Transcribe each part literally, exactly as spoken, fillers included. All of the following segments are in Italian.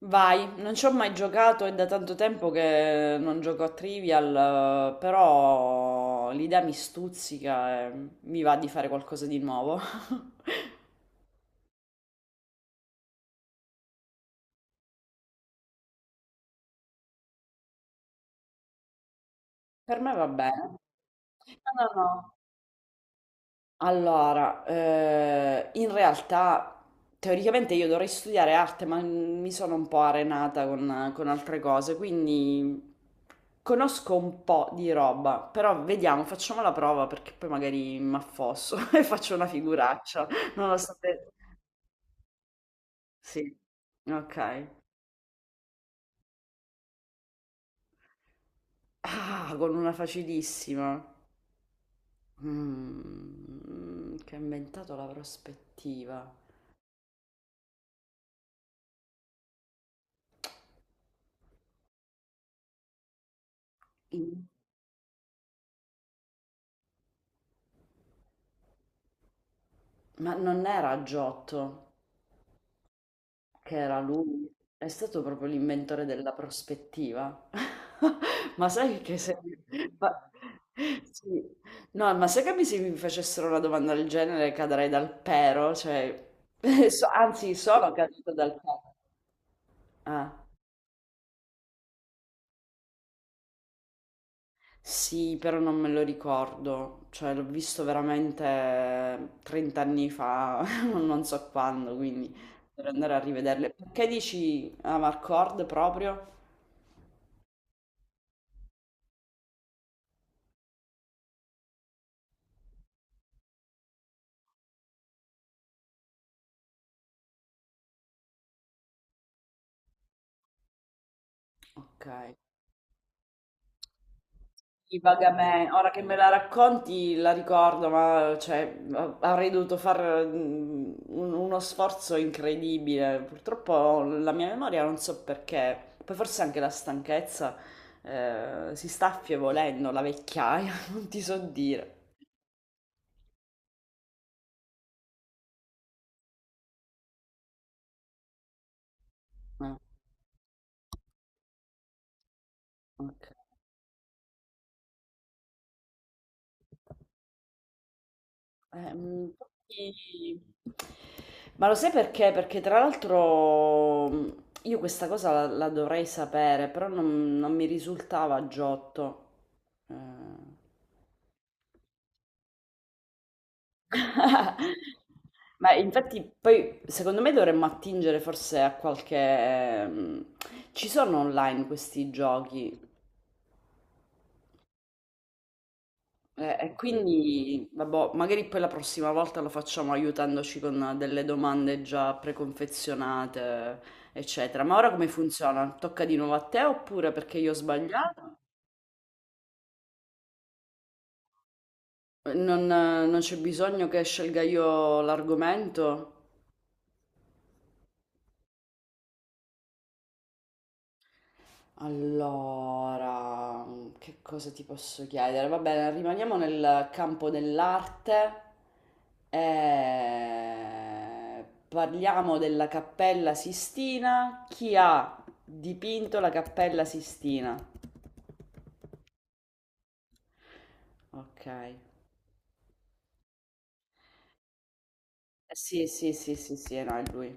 Vai, non ci ho mai giocato, è da tanto tempo che non gioco a Trivial, eh, però l'idea mi stuzzica e mi va di fare qualcosa di nuovo. Per me va bene. No, no, no. Allora, eh, in realtà teoricamente io dovrei studiare arte, ma mi sono un po' arenata con, con altre cose, quindi conosco un po' di roba, però vediamo, facciamo la prova perché poi magari mi affosso e faccio una figuraccia, non lo sapete. Sì, ok. Ah, con una facilissima. Mm, che ha inventato la prospettiva. In- Ma non era Giotto. Che era lui, è stato proprio l'inventore della prospettiva. Ma sai che se... ma- sì. No, ma sai che mi- se mi facessero una domanda del genere cadrei dal pero, cioè... so- Anzi, sono caduta dal pero. Ah. Sì, però non me lo ricordo, cioè l'ho visto veramente trenta anni fa, non so quando, quindi per andare a rivederle. Perché dici Amarcord proprio? Ok. Sì, vagamente, ora che me la racconti la ricordo, ma cioè, a- avrei dovuto fare mm, un- uno sforzo incredibile. Purtroppo la mia memoria non so perché, poi forse anche la stanchezza eh, si sta affievolendo, la vecchiaia, non ti so dire. Ah, ok. Eh, mm, infatti- Ma lo sai perché? Perché tra l'altro mm, io questa cosa la, la dovrei sapere, però non, non mi risultava Giotto. Eh. Ma infatti poi secondo me dovremmo attingere forse a qualche... mm, Ci sono online questi giochi. Eh, e quindi, vabbè, magari poi la prossima volta lo facciamo aiutandoci con delle domande già preconfezionate, eccetera. Ma ora come funziona? Tocca di nuovo a te oppure perché io ho sbagliato? Eh, Non, eh, non c'è bisogno che scelga io l'argomento? Allora, che cosa ti posso chiedere? Va bene, rimaniamo nel campo dell'arte e parliamo della Cappella Sistina. Chi ha dipinto la Cappella Sistina? Ok. Sì, sì, sì, sì, sì, no, è lui.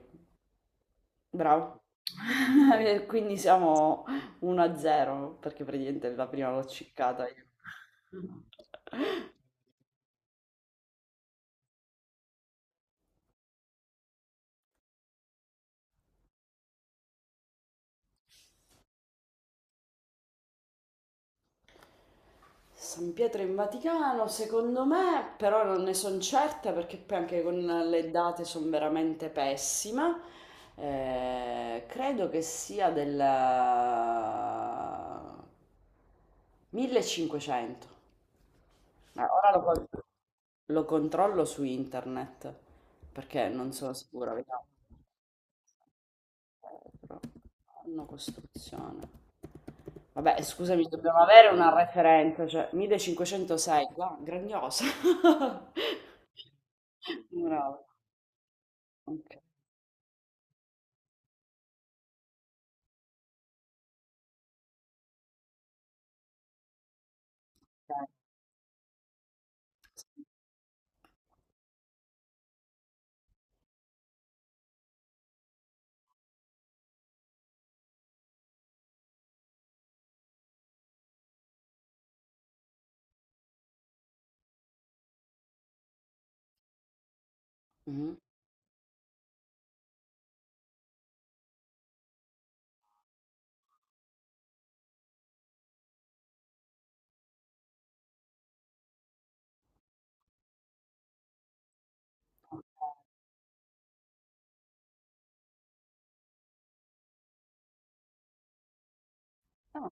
Bravo. Quindi siamo uno a zero, perché praticamente la prima l'ho ciccata io. San Pietro in Vaticano, secondo me, però non ne sono certa perché poi anche con le date sono veramente pessima. Eh, credo che sia del millecinquecento. Eh, Ora lo, con- lo controllo su internet perché non sono sicura, vediamo. Eh, Però, anno costruzione. Vabbè, scusami, dobbiamo avere una referenza, cioè millecinquecentosei, wow, grandiosa. Bravo. Ok. Mhm. Ah,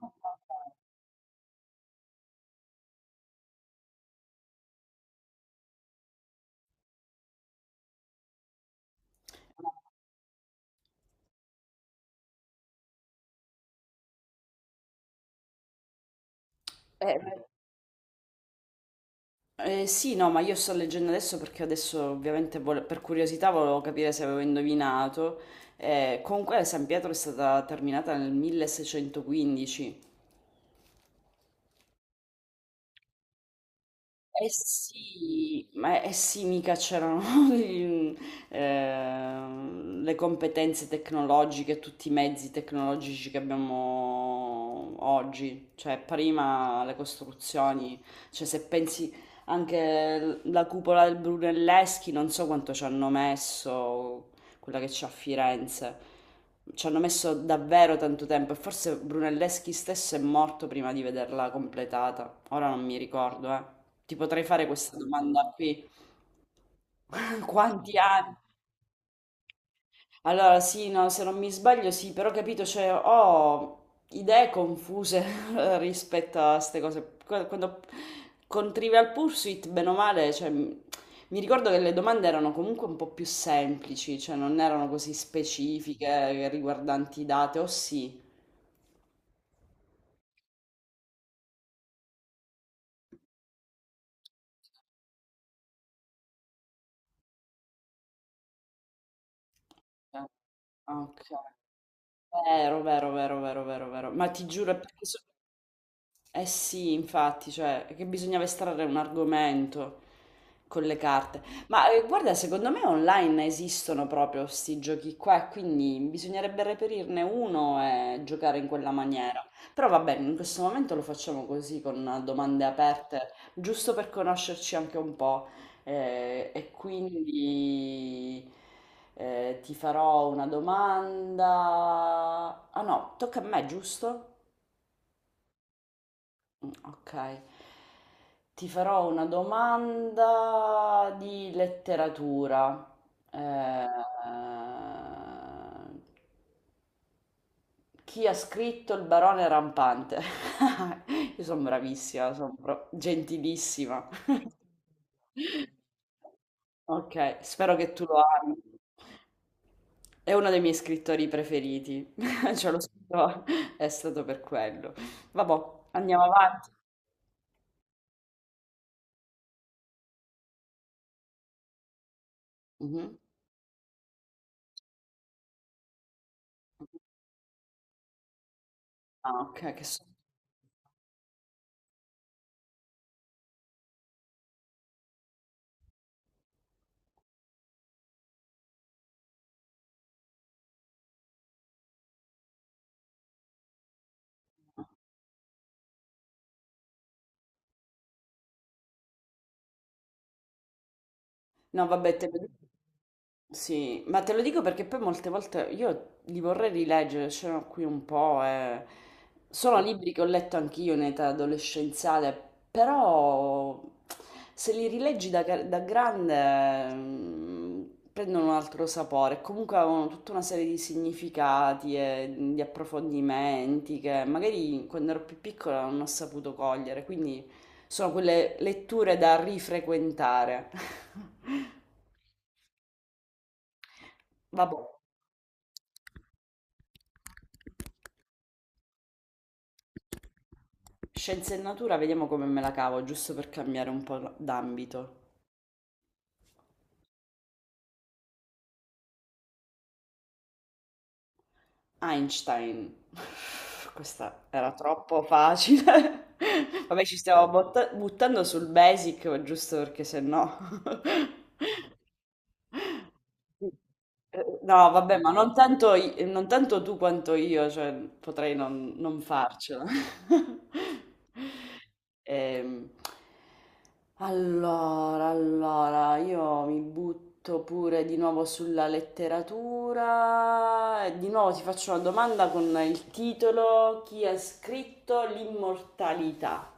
ok, ok. eh, eh, sì, no, ma io sto leggendo adesso perché adesso ovviamente vole- per curiosità volevo capire se avevo indovinato. Eh, comunque San Pietro è stata terminata nel milleseicentoquindici. Eh sì, ma eh sì, mica c'erano i- ehm, le competenze tecnologiche, tutti i mezzi tecnologici che abbiamo oggi, cioè prima le costruzioni, cioè se pensi anche l- la cupola del Brunelleschi, non so quanto ci hanno messo, quella che c'è a Firenze, ci hanno messo davvero tanto tempo e forse Brunelleschi stesso è morto prima di vederla completata, ora non mi ricordo, eh. Ti potrei fare questa domanda qui. Quanti anni? Allora, sì, no, se non mi sbaglio, sì, però ho capito, cioè, ho idee confuse rispetto a queste cose. Qu- Quando con Trivial Pursuit, bene o male, cioè, m- mi ricordo che le domande erano comunque un po' più semplici, cioè non erano così specifiche riguardanti date, o sì. Ah, ok, vero, vero, vero, vero, vero, vero. Ma ti giuro, è perché so- Eh sì, infatti, cioè, che bisognava estrarre un argomento con le carte. Ma eh, guarda, secondo me online esistono proprio questi giochi qua, e quindi bisognerebbe reperirne uno e giocare in quella maniera. Però va bene, in questo momento lo facciamo così, con domande aperte, giusto per conoscerci anche un po'. Eh, e quindi eh, ti farò una domanda. Ah no, tocca a me, giusto? Mh, okay. Ti farò una domanda di letteratura. Ehm, Chi ha scritto Il barone rampante? Io son bravissima, son pro gentilissima. Okay, spero che tu lo ami. È uno dei miei scrittori preferiti. Ce l'ho scritto è stato per quello. Vabbò, andiamo avanti. Mh-mh. Ah, ok, che so. No, vabbè, te lo dico. Sì, ma te lo dico perché poi molte volte io li vorrei rileggere, c'erano qui un po', e... sono libri che ho letto anch'io in età adolescenziale, però se li rileggi da, gra- da grande mm, prendono un altro sapore, comunque avevano tutta una serie di significati e di approfondimenti che magari quando ero più piccola non ho saputo cogliere, quindi... Sono quelle letture da rifrequentare. Vabbè, scienze e natura, vediamo come me la cavo, giusto per cambiare un po' d'ambito. Einstein. Questa era troppo facile. Vabbè, ci stiamo botta- buttando sul basic, giusto perché se no... Sì. Eh, no, vabbè, ma non tanto, i- non tanto tu quanto io, cioè potrei non, non farcela. Ehm, allora, allora, io mi butto pure di nuovo sulla letteratura. E di nuovo ti faccio una domanda con il titolo: chi ha scritto L'immortalità?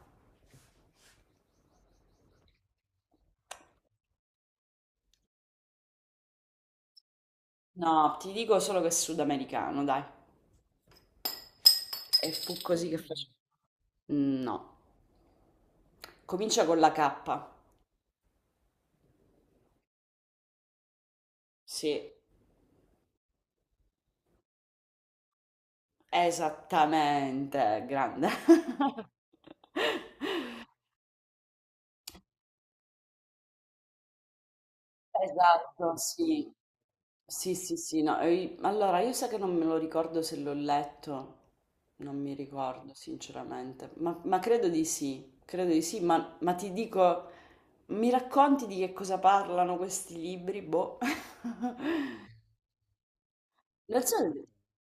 No, ti dico solo che è sudamericano, dai. E fu così che fece. No, comincia con la K. Sì, esattamente, grande. Esatto, sì. Sì, sì, sì, no. e- Allora, io so che non me lo ricordo se l'ho letto, non mi ricordo sinceramente, ma, ma credo di sì, credo di sì, ma, ma ti dico, mi racconti di che cosa parlano questi libri? Boh. Non so,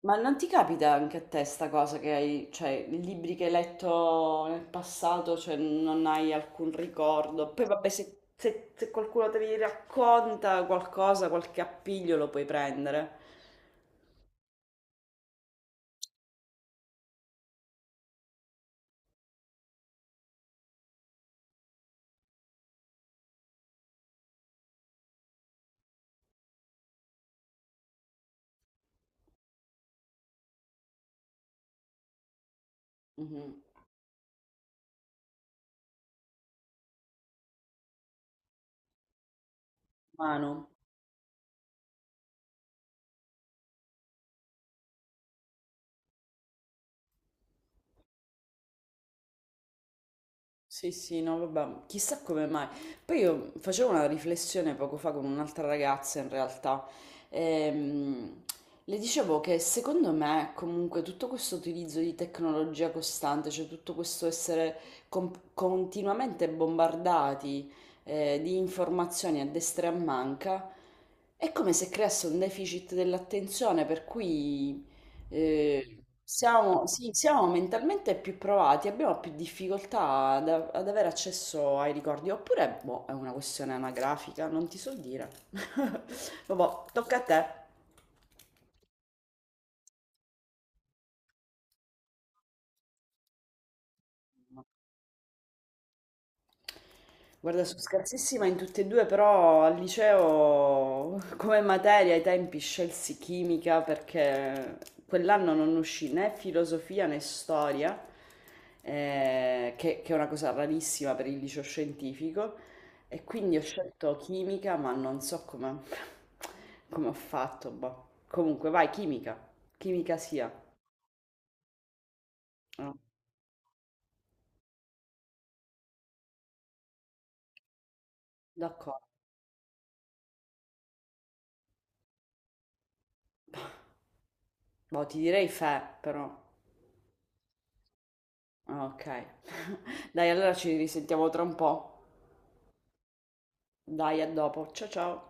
ma non ti capita anche a te sta cosa che hai, cioè, libri che hai letto nel passato, cioè non hai alcun ricordo. Poi vabbè, se, se- se qualcuno te li racconta qualcosa, qualche appiglio lo puoi prendere. Mhm. Mano. Sì, sì, no, vabbè, chissà come mai. Poi io facevo una riflessione poco fa con un'altra ragazza, in realtà. Ehm, le dicevo che secondo me, comunque, tutto questo utilizzo di tecnologia costante, cioè tutto questo essere com- continuamente bombardati, eh, di informazioni a destra e a manca, è come se creasse un deficit dell'attenzione, per cui eh, siamo, sì, siamo mentalmente più provati, abbiamo più difficoltà ad, ad avere accesso ai ricordi, oppure boh, è una questione anagrafica, non ti so dire. Vabbè, tocca a te. Guarda, sono scarsissima in tutte e due, però al liceo come materia ai tempi scelsi chimica perché quell'anno non uscì né filosofia né storia, eh, che, che è una cosa rarissima per il liceo scientifico, e quindi ho scelto chimica, ma non so come, come ho fatto. Boh. Comunque, vai, chimica, chimica sia. Ah, d'accordo. Boh, ti direi fe, però. Ah, ok. Dai, allora ci risentiamo tra un po'. Dai, a dopo. Ciao ciao.